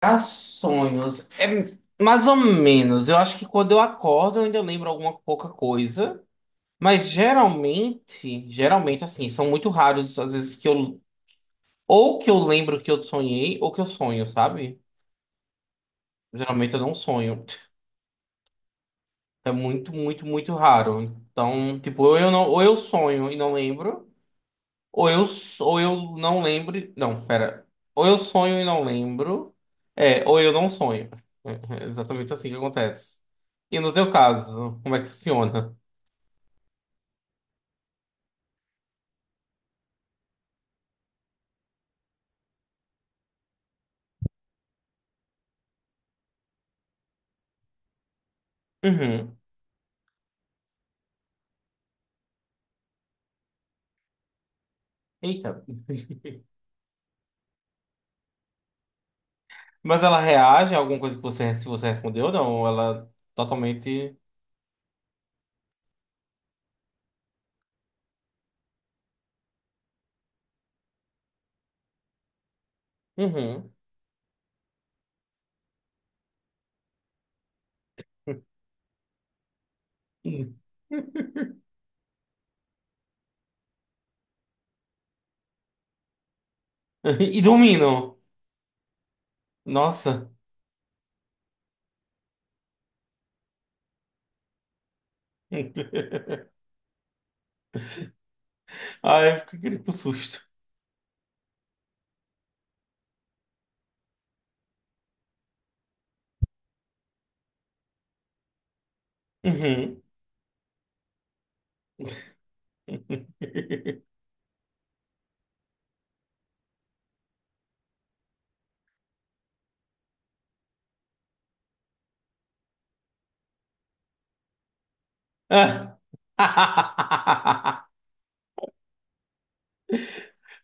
Ah, sonhos. É mais ou menos. Eu acho que quando eu acordo, eu ainda lembro alguma pouca coisa. Mas geralmente, assim, são muito raros às vezes que eu. Ou que eu lembro que eu sonhei, ou que eu sonho, sabe? Geralmente eu não sonho. É muito, muito, muito raro. Então, tipo, ou eu não, ou eu sonho e não lembro. Ou eu não lembro. Não, pera. Ou eu sonho e não lembro. É, ou eu não sonho. É exatamente assim que acontece. E no teu caso, como é que funciona? Uhum. Eita. Mas ela reage a alguma coisa que você, se você respondeu ou não? Ela totalmente. Uhum. E dormindo. Nossa. Ai, eu fiquei com susto. Uhum. Ah.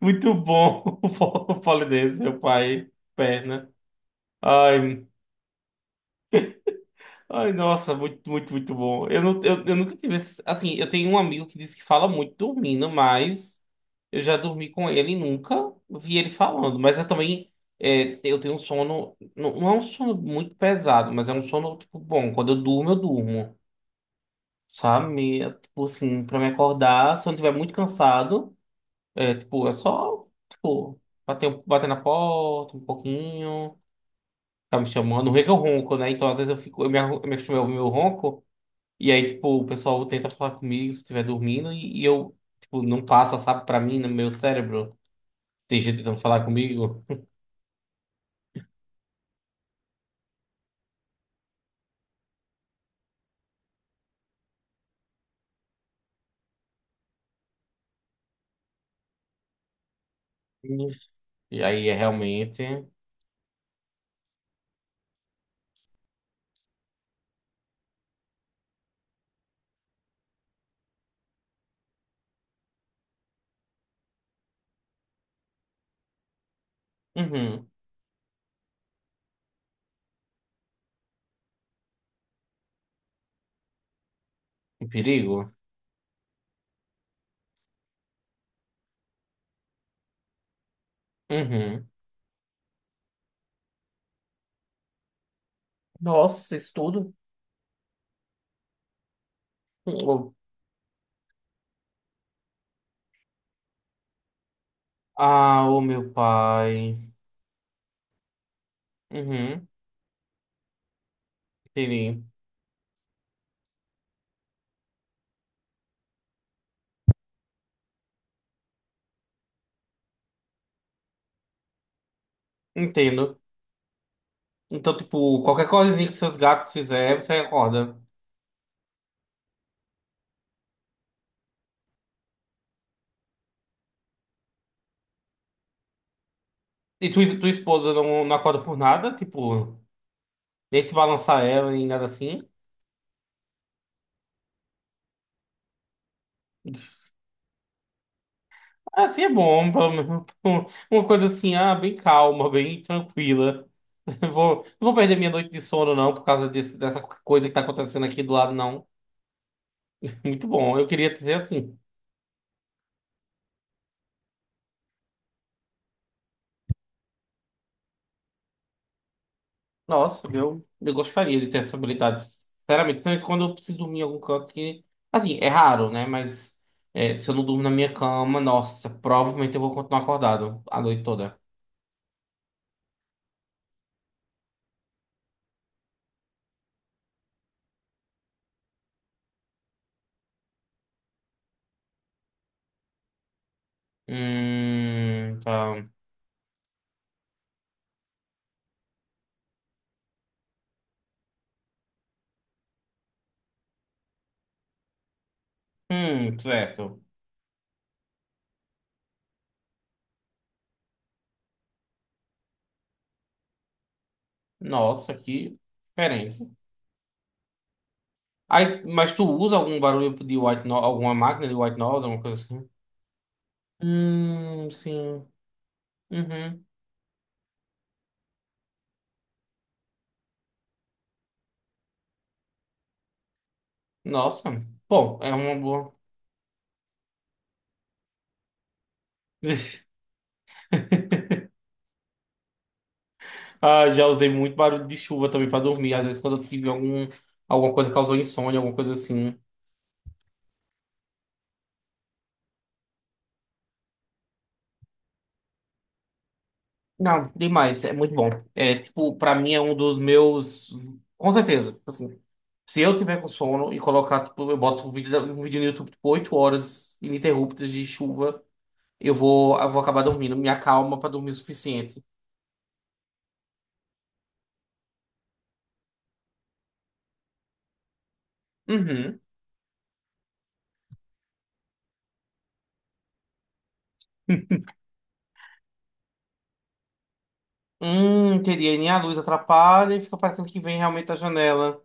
Muito bom o polonês, meu pai, perna. Ai, ai, nossa, muito, muito, muito bom. Eu, não, eu nunca tive esse, assim, eu tenho um amigo que disse que fala muito dormindo, mas eu já dormi com ele e nunca vi ele falando. Mas eu também, é, eu tenho um sono, não, não é um sono muito pesado, mas é um sono, tipo, bom. Quando eu durmo, sabe? É, tipo assim, pra me acordar, se eu não estiver muito cansado, é, tipo, é só, tipo... Bater na porta um pouquinho. Tá me chamando. O ronco é o ronco, né? Então, às vezes eu fico, eu me, arru- eu me acostumei a ouvir meu ronco, e aí, tipo, o pessoal tenta falar comigo se eu estiver dormindo, e, eu, tipo, não passa, sabe, pra mim, no meu cérebro. Tem gente tentando falar comigo. E aí é realmente. Uhum. Um perigo. Uhum. Nossa, isso tudo. Oh. Ah, o meu pai. Uhum. Entendi. Entendo. Então, tipo, qualquer coisinha que seus gatos fizerem, você acorda. E tua esposa não acorda por nada? Tipo. Nem se balançar ela e nada assim. Assim é bom, pelo menos uma coisa assim, ah, bem calma, bem tranquila. Vou, não vou perder minha noite de sono, não, por causa dessa coisa que tá acontecendo aqui do lado, não. Muito bom, eu queria dizer assim. Nossa, eu gostaria de ter essa habilidade. Sinceramente, principalmente quando eu preciso dormir em algum canto que. Assim, é raro, né? Mas é, se eu não durmo na minha cama, nossa, provavelmente eu vou continuar acordado a noite toda. Tá. Certo. Nossa, que diferente. Aí, mas tu usa algum barulho de white noise, alguma máquina de white noise, alguma coisa assim? Sim. Uhum. Nossa. Bom, é uma boa. Ah, já usei muito barulho de chuva também pra dormir. Às vezes quando eu tive alguma coisa que causou insônia, alguma coisa assim. Não, demais. É muito bom. É, tipo, pra mim é um dos meus... Com certeza. Tipo assim, se eu tiver com sono e colocar, tipo, eu boto um vídeo no YouTube, tipo, 8 horas ininterruptas de chuva... Eu vou acabar dormindo. Me acalma pra dormir o suficiente. Uhum. Teria nem a luz atrapalha e fica parecendo que vem realmente da janela.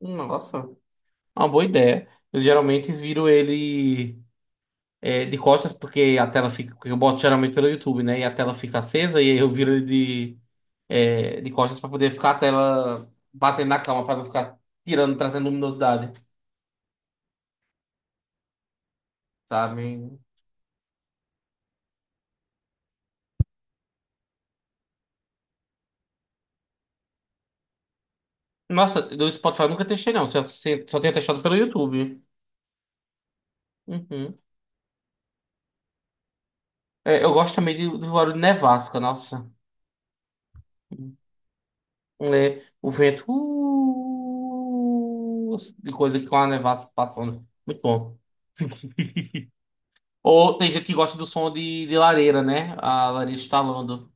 Nossa, uma boa ideia. Eu geralmente viro ele é, de costas, porque a tela fica. Eu boto geralmente pelo YouTube, né? E a tela fica acesa, e aí eu viro ele de costas pra poder ficar a tela batendo na cama, pra não ficar tirando, trazendo luminosidade, sabe? Nossa, do Spotify eu nunca testei, não. Só tenho testado pelo YouTube. Uhum. É, eu gosto também do barulho de nevasca, nossa. É, o vento. De coisa que com a nevasca passando. Muito bom. Ou tem gente que gosta do som de lareira, né? A lareira estalando.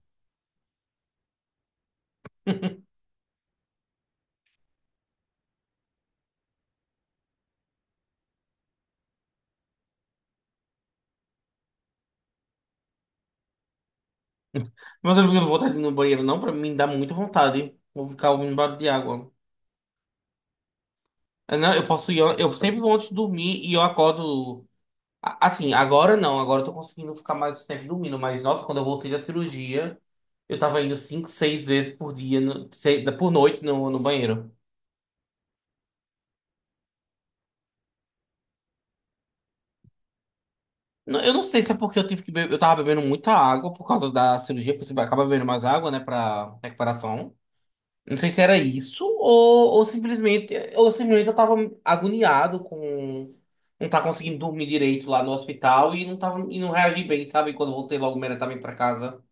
Mas eu não tenho vontade de ir no banheiro, não. Pra mim dá muita vontade. Vou ficar ouvindo barulho de água. Eu, não, eu posso ir. Eu sempre vou antes de dormir e eu acordo. Assim, agora não. Agora eu tô conseguindo ficar mais tempo dormindo. Mas, nossa, quando eu voltei da cirurgia. Eu tava indo cinco, seis vezes por dia, por noite no banheiro. Eu não sei se é porque eu tive que beber, eu tava bebendo muita água por causa da cirurgia, porque você acaba bebendo mais água, né, pra recuperação. Não sei se era isso ou simplesmente eu tava agoniado com não tá conseguindo dormir direito lá no hospital e não tava e não reagi bem, sabe? Quando eu voltei logo imediatamente pra casa.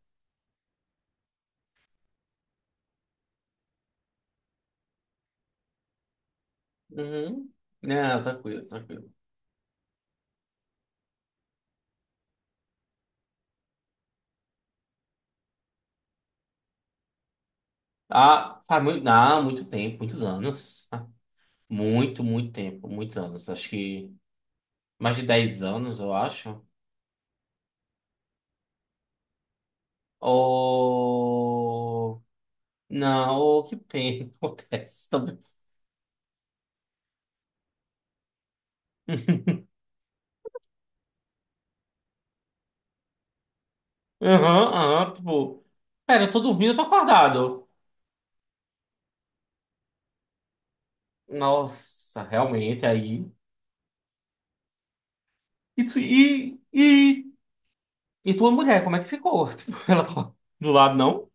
Uhum. Não, tranquilo, tranquilo. Ah, faz muito, não, muito tempo, muitos anos. Muito, muito tempo, muitos anos. Acho que mais de 10 anos, eu acho. Ou. Não, ou que pena acontece também. Aham, aham, tipo. Pera, eu tô dormindo, eu tô acordado. Nossa, realmente, aí. E, tu- e, e, e tua mulher, como é que ficou? Tipo, ela tá do lado, não?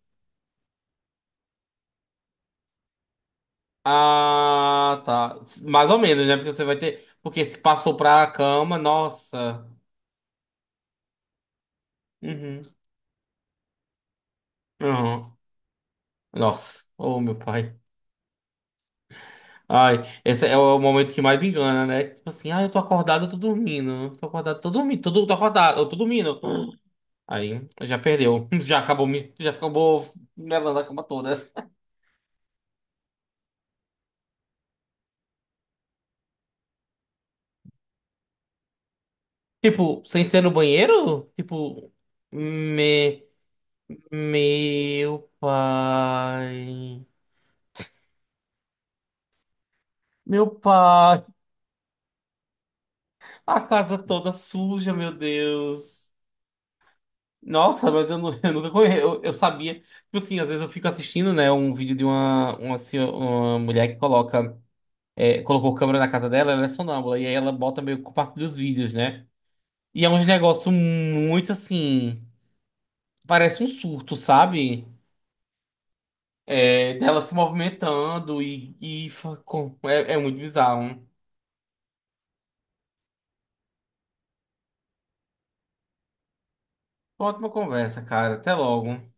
Ah, tá. Mais ou menos, né? Porque você vai ter. Porque se passou pra cama, nossa. Uhum. Uhum. Nossa. Oh, meu pai. Ai, esse é o momento que mais engana, né? Tipo assim, ah, eu tô acordado, eu tô dormindo. Tô acordado, tô dormindo. Tô acordado, eu tô dormindo. Aí, já perdeu. Já acabou melando a cama toda. Tipo, sem ser no banheiro? Tipo, me, meu pai. Meu pai. A casa toda suja, meu Deus. Nossa, mas eu, eu nunca eu sabia. Tipo assim, às vezes eu fico assistindo, né, um vídeo de uma mulher que coloca. É, colocou câmera na casa dela, ela é sonâmbula. E aí ela bota meio que parte dos vídeos, né? E é um negócio muito assim. Parece um surto, sabe? É, dela se movimentando e é muito bizarro. Ótima conversa, cara. Até logo.